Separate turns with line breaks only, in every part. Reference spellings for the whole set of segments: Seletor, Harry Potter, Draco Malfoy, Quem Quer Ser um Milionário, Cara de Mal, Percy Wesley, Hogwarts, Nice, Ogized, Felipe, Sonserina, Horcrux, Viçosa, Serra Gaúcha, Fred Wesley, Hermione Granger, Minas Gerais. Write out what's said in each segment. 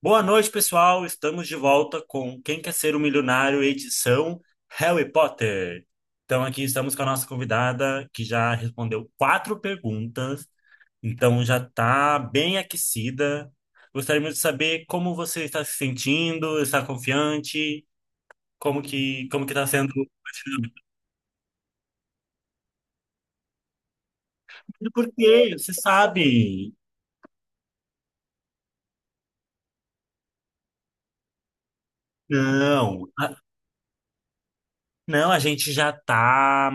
Boa noite, pessoal. Estamos de volta com Quem Quer Ser um Milionário, edição Harry Potter. Então, aqui estamos com a nossa convidada, que já respondeu quatro perguntas, então já está bem aquecida. Gostaríamos de saber como você está se sentindo, está confiante, como que está sendo esse momento. Por quê? Você sabe? Não, não, a gente já está.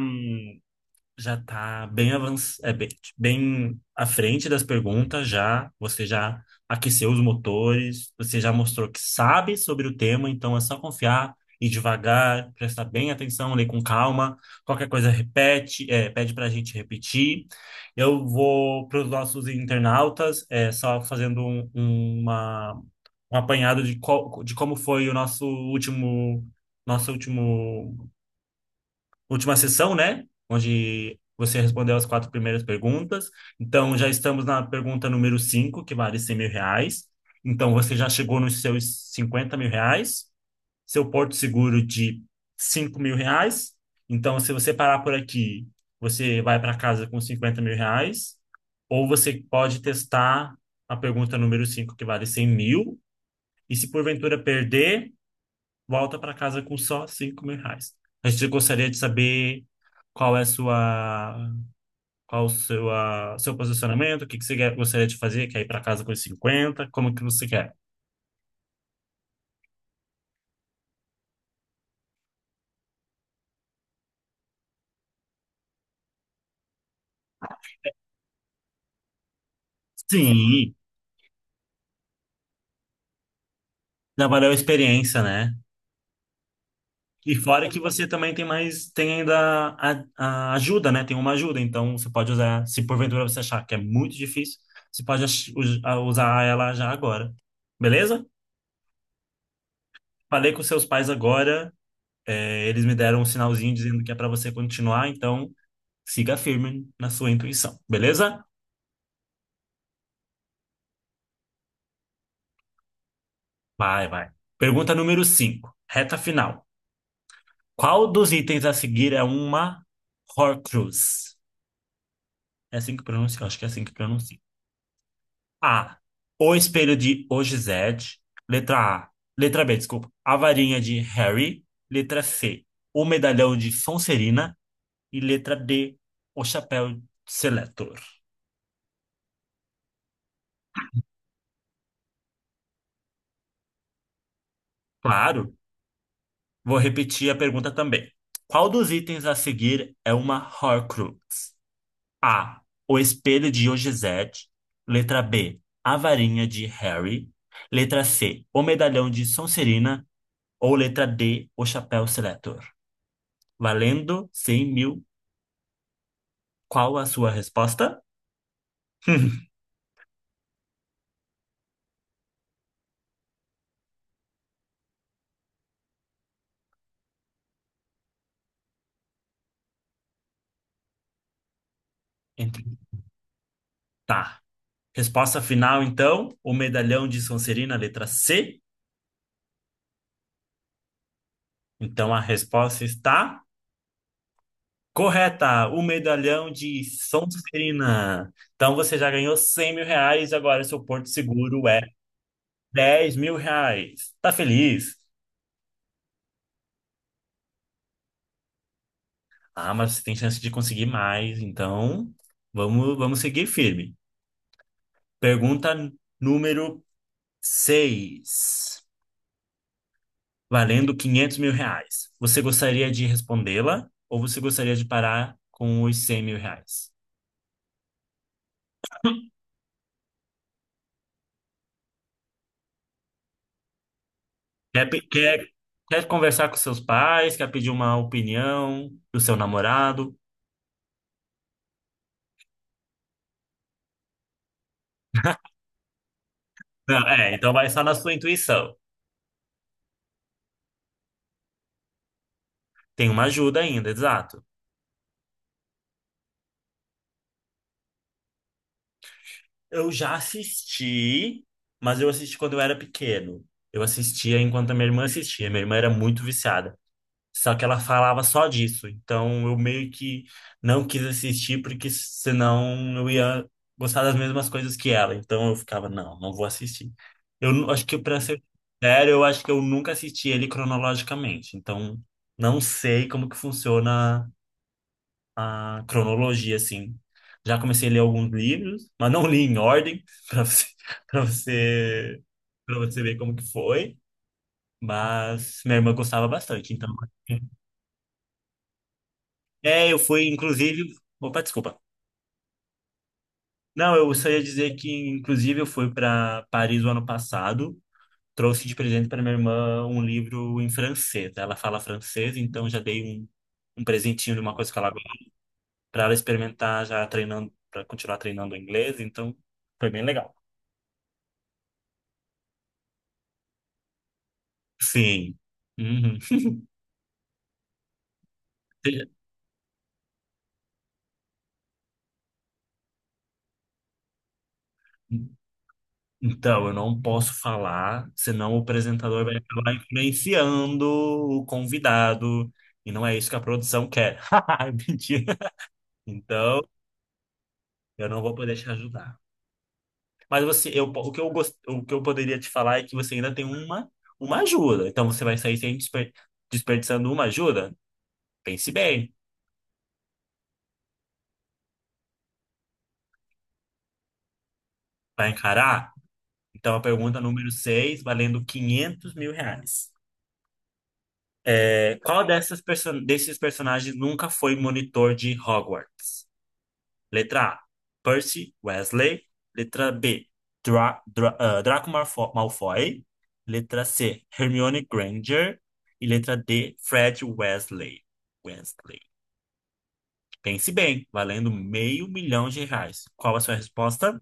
Já está bem bem, bem à frente das perguntas já. Você já aqueceu os motores, você já mostrou que sabe sobre o tema, então é só confiar, ir devagar, prestar bem atenção, ler com calma. Qualquer coisa repete, pede para a gente repetir. Eu vou para os nossos internautas, só fazendo uma, um apanhado de como foi o nosso último, última sessão, né? Onde você respondeu as quatro primeiras perguntas. Então, já estamos na pergunta número 5, que vale 100 mil reais. Então, você já chegou nos seus 50 mil reais, seu porto seguro de 5 mil reais. Então, se você parar por aqui, você vai para casa com 50 mil reais. Ou você pode testar a pergunta número 5, que vale 100 mil. E se porventura perder, volta para casa com só 5 mil reais. A gente gostaria de saber qual é qual o seu, seu posicionamento, o que que você gostaria de fazer, quer ir para casa com os 50, como que você quer? Sim, já valeu a experiência, né? E fora que você também tem mais, tem ainda a ajuda, né? Tem uma ajuda, então você pode usar, se porventura você achar que é muito difícil, você pode usar ela já agora. Beleza? Falei com seus pais agora. Eles me deram um sinalzinho dizendo que é para você continuar, então siga firme na sua intuição, beleza? Vai, vai. Pergunta número 5. Reta final. Qual dos itens a seguir é uma Horcrux? É assim que pronuncia? Eu acho que é assim que pronuncia. A. O espelho de Ogized. Letra A. Letra B, desculpa. A varinha de Harry. Letra C. O medalhão de Sonserina. E letra D. O chapéu de Seletor. Claro. Vou repetir a pergunta também. Qual dos itens a seguir é uma Horcrux? A. O espelho de Ogizete. Letra B. A varinha de Harry. Letra C. O medalhão de Sonserina. Ou letra D. O chapéu seletor. Valendo 100 mil. Qual a sua resposta? Entre- Tá. Resposta final, então. O medalhão de Sonserina, letra C. Então a resposta está correta, o medalhão de Sonserina. Então você já ganhou 100 mil reais, agora seu porto seguro é 10 mil reais. Tá feliz? Ah, mas você tem chance de conseguir mais, então vamos, vamos seguir firme. Pergunta número 6, valendo 500 mil reais. Você gostaria de respondê-la ou você gostaria de parar com os 100 mil reais? Quer, pe- quer, quer conversar com seus pais? Quer pedir uma opinião do seu namorado? Não, é, então vai só na sua intuição. Tem uma ajuda ainda, exato. Eu já assisti, mas eu assisti quando eu era pequeno. Eu assistia enquanto a minha irmã assistia. Minha irmã era muito viciada. Só que ela falava só disso. Então eu meio que não quis assistir, porque senão eu ia gostar das mesmas coisas que ela. Então eu ficava, não, não vou assistir. Acho que, pra ser sério, eu acho que eu nunca assisti ele cronologicamente. Então não sei como que funciona a cronologia, assim. Já comecei a ler alguns livros, mas não li em ordem, para você, para você, para você ver como que foi. Mas minha irmã gostava bastante, então. É, eu fui, inclusive. Opa, desculpa. Não, eu só ia dizer que, inclusive, eu fui para Paris o ano passado. Trouxe de presente para minha irmã um livro em francês. Ela fala francês, então já dei um presentinho de uma coisa que ela gosta para ela experimentar, já treinando, para continuar treinando o inglês. Então, foi bem legal. Sim. Uhum. E- Então, eu não posso falar, senão o apresentador vai acabar influenciando o convidado. E não é isso que a produção quer. Mentira. Então, eu não vou poder te ajudar. Mas você, eu, o que eu gost, o que eu poderia te falar é que você ainda tem uma ajuda. Então você vai sair sem desper- desperdiçando uma ajuda? Pense bem, vai encarar? Então a pergunta número 6, valendo 500 mil reais. Qual dessas perso desses personagens nunca foi monitor de Hogwarts? Letra A, Percy Wesley. Letra B, Malfoy. Letra C, Hermione Granger. E letra D, Fred Wesley. Wesley. Pense bem, valendo meio milhão de reais. Qual a sua resposta?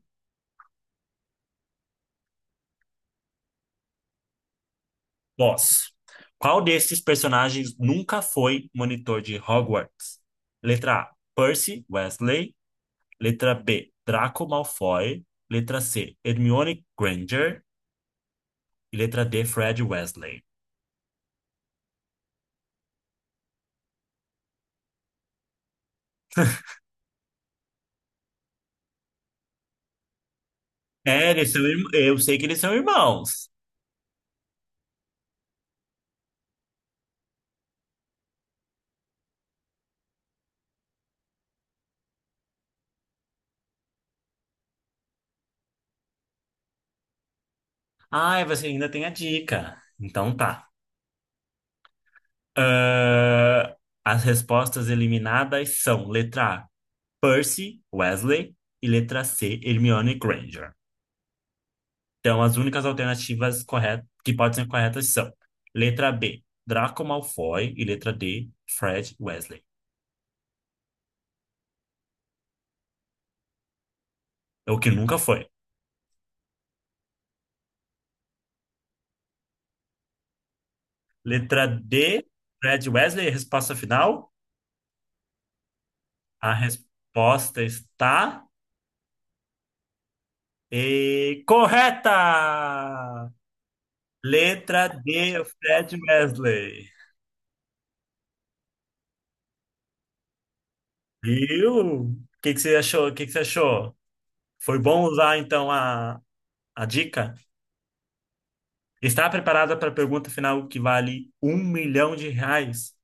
Boss. Qual desses personagens nunca foi monitor de Hogwarts? Letra A, Percy Wesley. Letra B, Draco Malfoy. Letra C, Hermione Granger. E letra D, Fred Wesley. É, eu sei que eles são irmãos. Ai, você ainda tem a dica. Então tá. Ah, as respostas eliminadas são letra A, Percy Wesley e letra C, Hermione Granger. Então as únicas alternativas corretas que podem ser corretas são letra B, Draco Malfoy e letra D, Fred Wesley. É o que nunca foi. Letra D, Fred Wesley, resposta final. A resposta está E correta! Letra D, Fred Wesley. Viu? O que que você achou? Foi bom usar então a dica? Está preparada para a pergunta final que vale um milhão de reais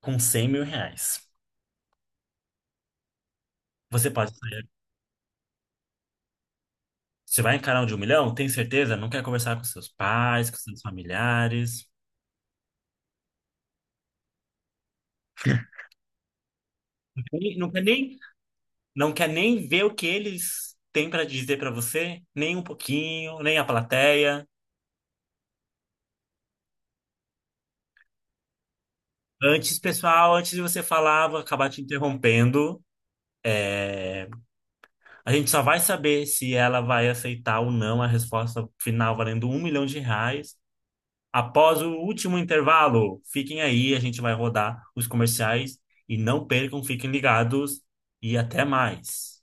com cem mil reais? Você pode sair. Você vai encarar de um milhão? Tem certeza? Não quer conversar com seus pais, com seus familiares? Nem- Não quer nem, não quer nem ver o que eles têm para dizer para você? Nem um pouquinho, nem a plateia. Antes, pessoal, antes de você falar, vou acabar te interrompendo. A gente só vai saber se ela vai aceitar ou não a resposta final valendo um milhão de reais após o último intervalo. Fiquem aí, a gente vai rodar os comerciais e não percam, fiquem ligados e até mais.